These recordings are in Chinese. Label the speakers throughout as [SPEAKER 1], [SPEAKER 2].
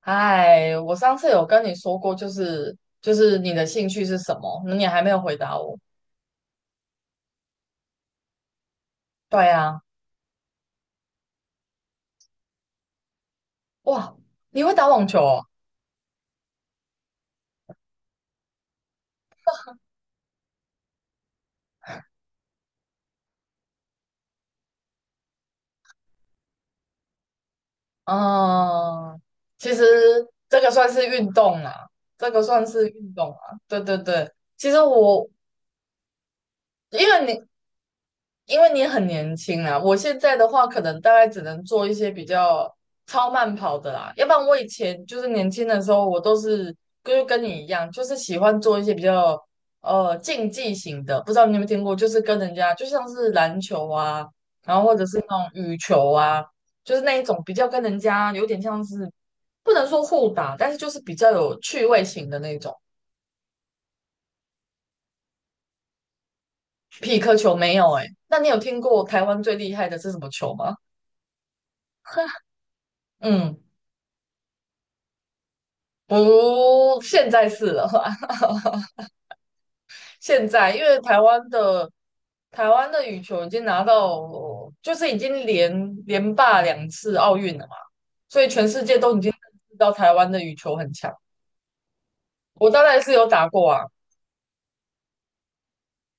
[SPEAKER 1] 哎，我上次有跟你说过，就是你的兴趣是什么？你还没有回答我。对啊，哇，你会打网球哦？嗯，其实这个算是运动啦，这个算是运动啊。对对对，其实我因为你。因为你很年轻啊，我现在的话可能大概只能做一些比较超慢跑的啦，要不然我以前就是年轻的时候，我都是跟你一样，就是喜欢做一些比较竞技型的，不知道你有没有听过，就是跟人家就像是篮球啊，然后或者是那种羽球啊，就是那一种比较跟人家有点像是不能说互打，但是就是比较有趣味型的那种。匹克球没有诶、那你有听过台湾最厉害的是什么球吗？嗯。不，现在是了啦。现在因为台湾的羽球已经拿到，就是已经连霸2次奥运了嘛，所以全世界都已经认知道台湾的羽球很强。我大概是有打过啊，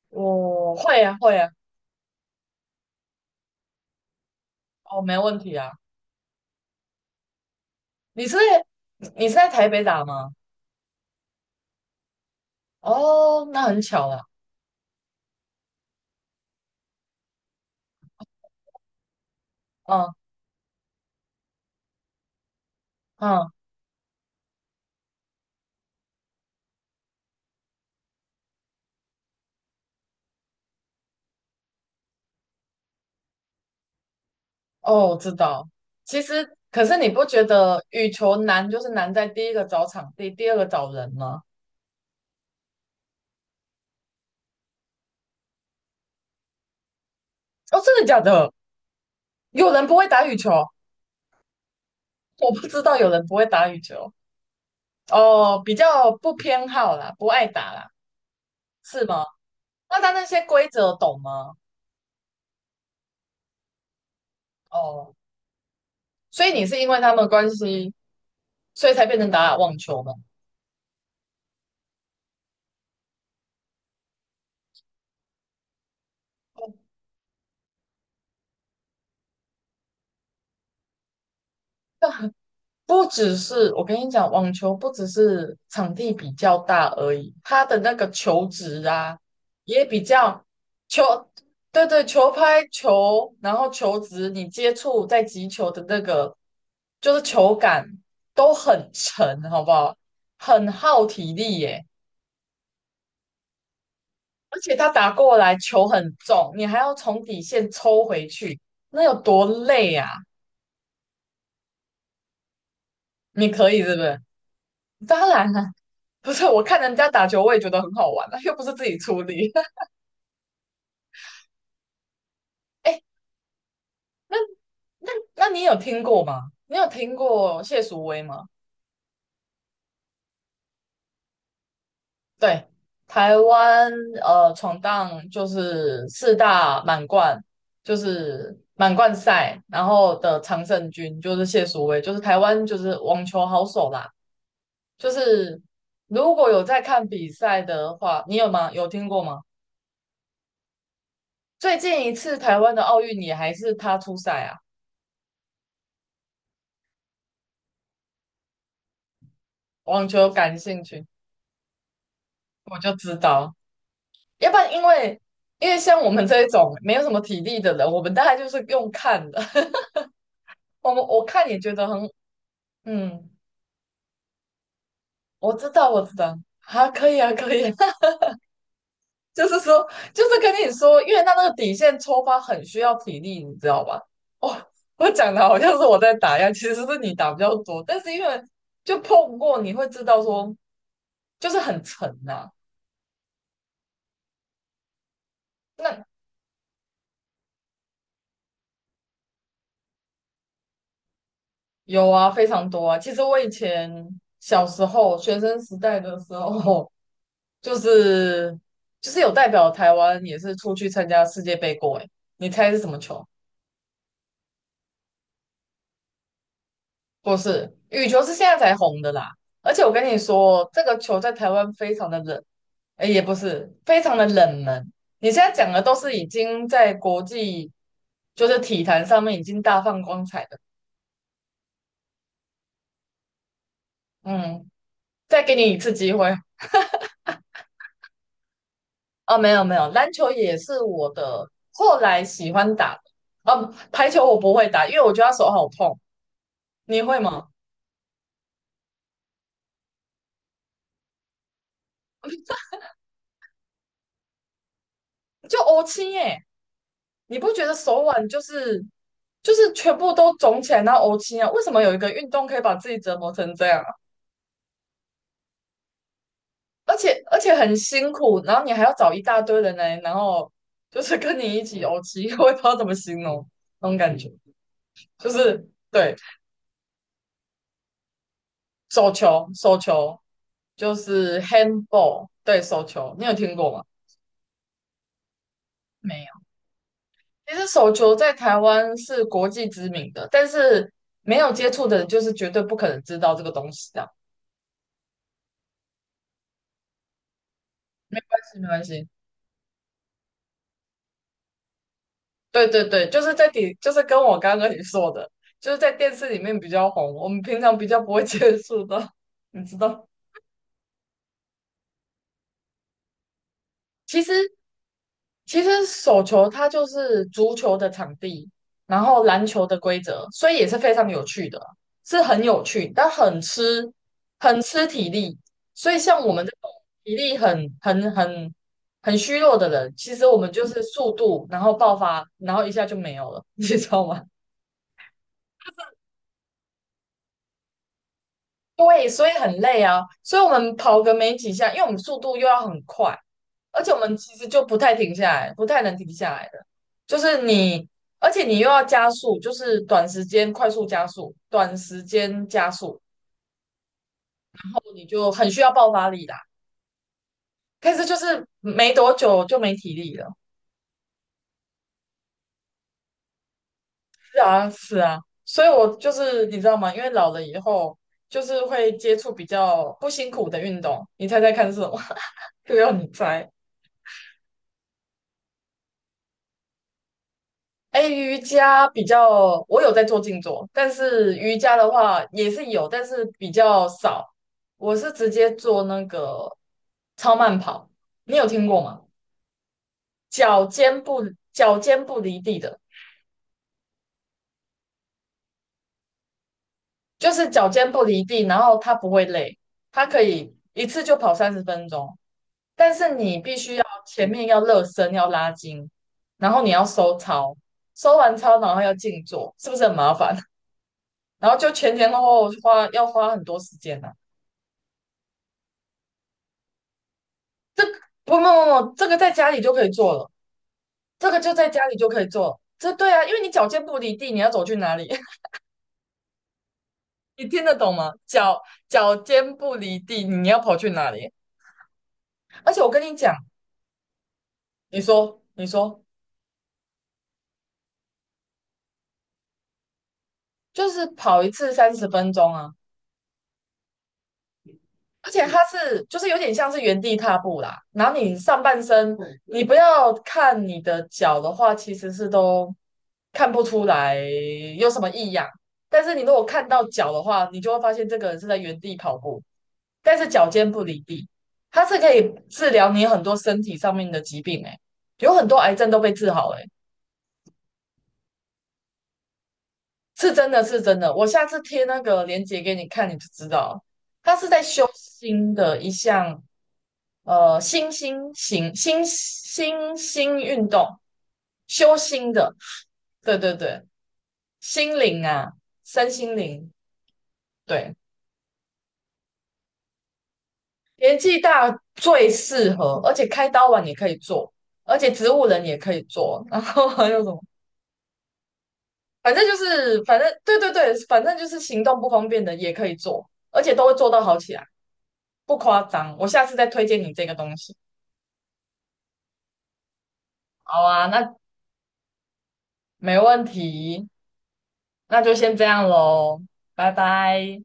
[SPEAKER 1] 我会啊会啊，哦，没问题啊。你是在你是在台北打吗？哦，那很巧啦。嗯嗯，哦，我知道。其实，可是你不觉得羽球难就是难在第一个找场地，第二个找人吗？哦，真的假的？有人不会打羽球，我不知道有人不会打羽球。哦，比较不偏好啦，不爱打啦，是吗？那他那些规则懂吗？哦，所以你是因为他们的关系，所以才变成打打网球吗？哦，不只是我跟你讲，网球不只是场地比较大而已，它的那个球质啊也比较球，对对，球拍球，然后球质，你接触在击球的那个就是球感都很沉，好不好？很耗体力耶，而且它打过来球很重，你还要从底线抽回去，那有多累啊？你可以是不是？当然了。不是，我看人家打球，我也觉得很好玩啊，又不是自己出力。哎，那那你有听过吗？你有听过谢淑薇吗？对，台湾闯荡就是四大满贯，就是满贯赛，然后的常胜军就是谢淑薇，就是台湾就是网球好手啦。就是如果有在看比赛的话，你有吗？有听过吗？最近一次台湾的奥运你还是他出赛啊，网球感兴趣。我就知道，要不然因为像我们这一种没有什么体力的人，我们大概就是用看的。我们我看也觉得很，嗯，我知道，我知道，啊，可以啊，可以啊 就是说，就是跟你说，因为他那个底线抽发很需要体力，你知道吧？哦，我讲的好像是我在打一样，其实是你打比较多，但是因为就碰过，你会知道说，就是很沉呐、那有啊，非常多啊。其实我以前小时候学生时代的时候。就是有代表台湾也是出去参加世界杯过诶，你猜是什么球？不是，羽球是现在才红的啦。而且我跟你说，这个球在台湾非常的冷，哎也不是非常的冷门。你现在讲的都是已经在国际就是体坛上面已经大放光彩的。嗯，再给你一次机会。哦，没有没有，篮球也是我的后来喜欢打的。哦，排球我不会打，因为我觉得它手好痛。你会吗？就欧青耶，你不觉得手腕就是全部都肿起来，然后欧青啊？为什么有一个运动可以把自己折磨成这样啊？而且很辛苦，然后你还要找一大堆人来，然后就是跟你一起欧青，我也不知道怎么形容那种感觉，就是对手球就是 handball，对手球，你有听过吗？没有。手球在台湾是国际知名的，但是没有接触的人就是绝对不可能知道这个东西的。没关系，没关系。对对对，就是在底，就是跟我刚刚跟你说的，就是在电视里面比较红，我们平常比较不会 接触到，你知道。其实其实手球它就是足球的场地，然后篮球的规则，所以也是非常有趣的，是很有趣，但很吃体力。所以像我们这种体力很虚弱的人，其实我们就是速度，然后爆发，然后一下就没有了，你知道吗？对，所以很累啊。所以我们跑个没几下，因为我们速度又要很快，而且我们其实就不太停下来，不太能停下来的。就是你，而且你又要加速，就是短时间快速加速，短时间加速，然后你就很需要爆发力啦。但是就是没多久就没体力了。是啊，是啊。所以我就是你知道吗？因为老了以后，就是会接触比较不辛苦的运动。你猜猜看是什么？又要你猜。哎，瑜伽比较，我有在做静坐，但是瑜伽的话也是有，但是比较少。我是直接做那个超慢跑，你有听过吗？脚尖不脚尖不离地的，就是脚尖不离地，然后它不会累，它可以一次就跑三十分钟，但是你必须要前面要热身，要拉筋，然后你要收操，收完操然后要静坐，是不是很麻烦？然后就前前后后花要花很多时间呢、不不不不，这个在家里就可以做了，这个就在家里就可以做了。这对啊，因为你脚尖不离地，你要走去哪里？你听得懂吗？脚尖不离地，你要跑去哪里？而且我跟你讲，你说你说，就是跑一次三十分钟啊。而且它是就是有点像是原地踏步啦，然后你上半身你不要看你的脚的话，其实是都看不出来有什么异样。但是你如果看到脚的话，你就会发现这个人是在原地跑步，但是脚尖不离地。它是可以治疗你很多身体上面的疾病、欸，诶有很多癌症都被治好了、欸，是真的是真的。我下次贴那个链接给你看，你就知道了它是在修心的一项。新兴运动，修心的，对对对，心灵啊，身心灵，对，年纪大最适合，而且开刀完也可以做，而且植物人也可以做，然后还有什么，反正对对对，反正就是行动不方便的也可以做，而且都会做到好起来，不夸张。我下次再推荐你这个东西。好啊，那没问题，那就先这样喽，拜拜。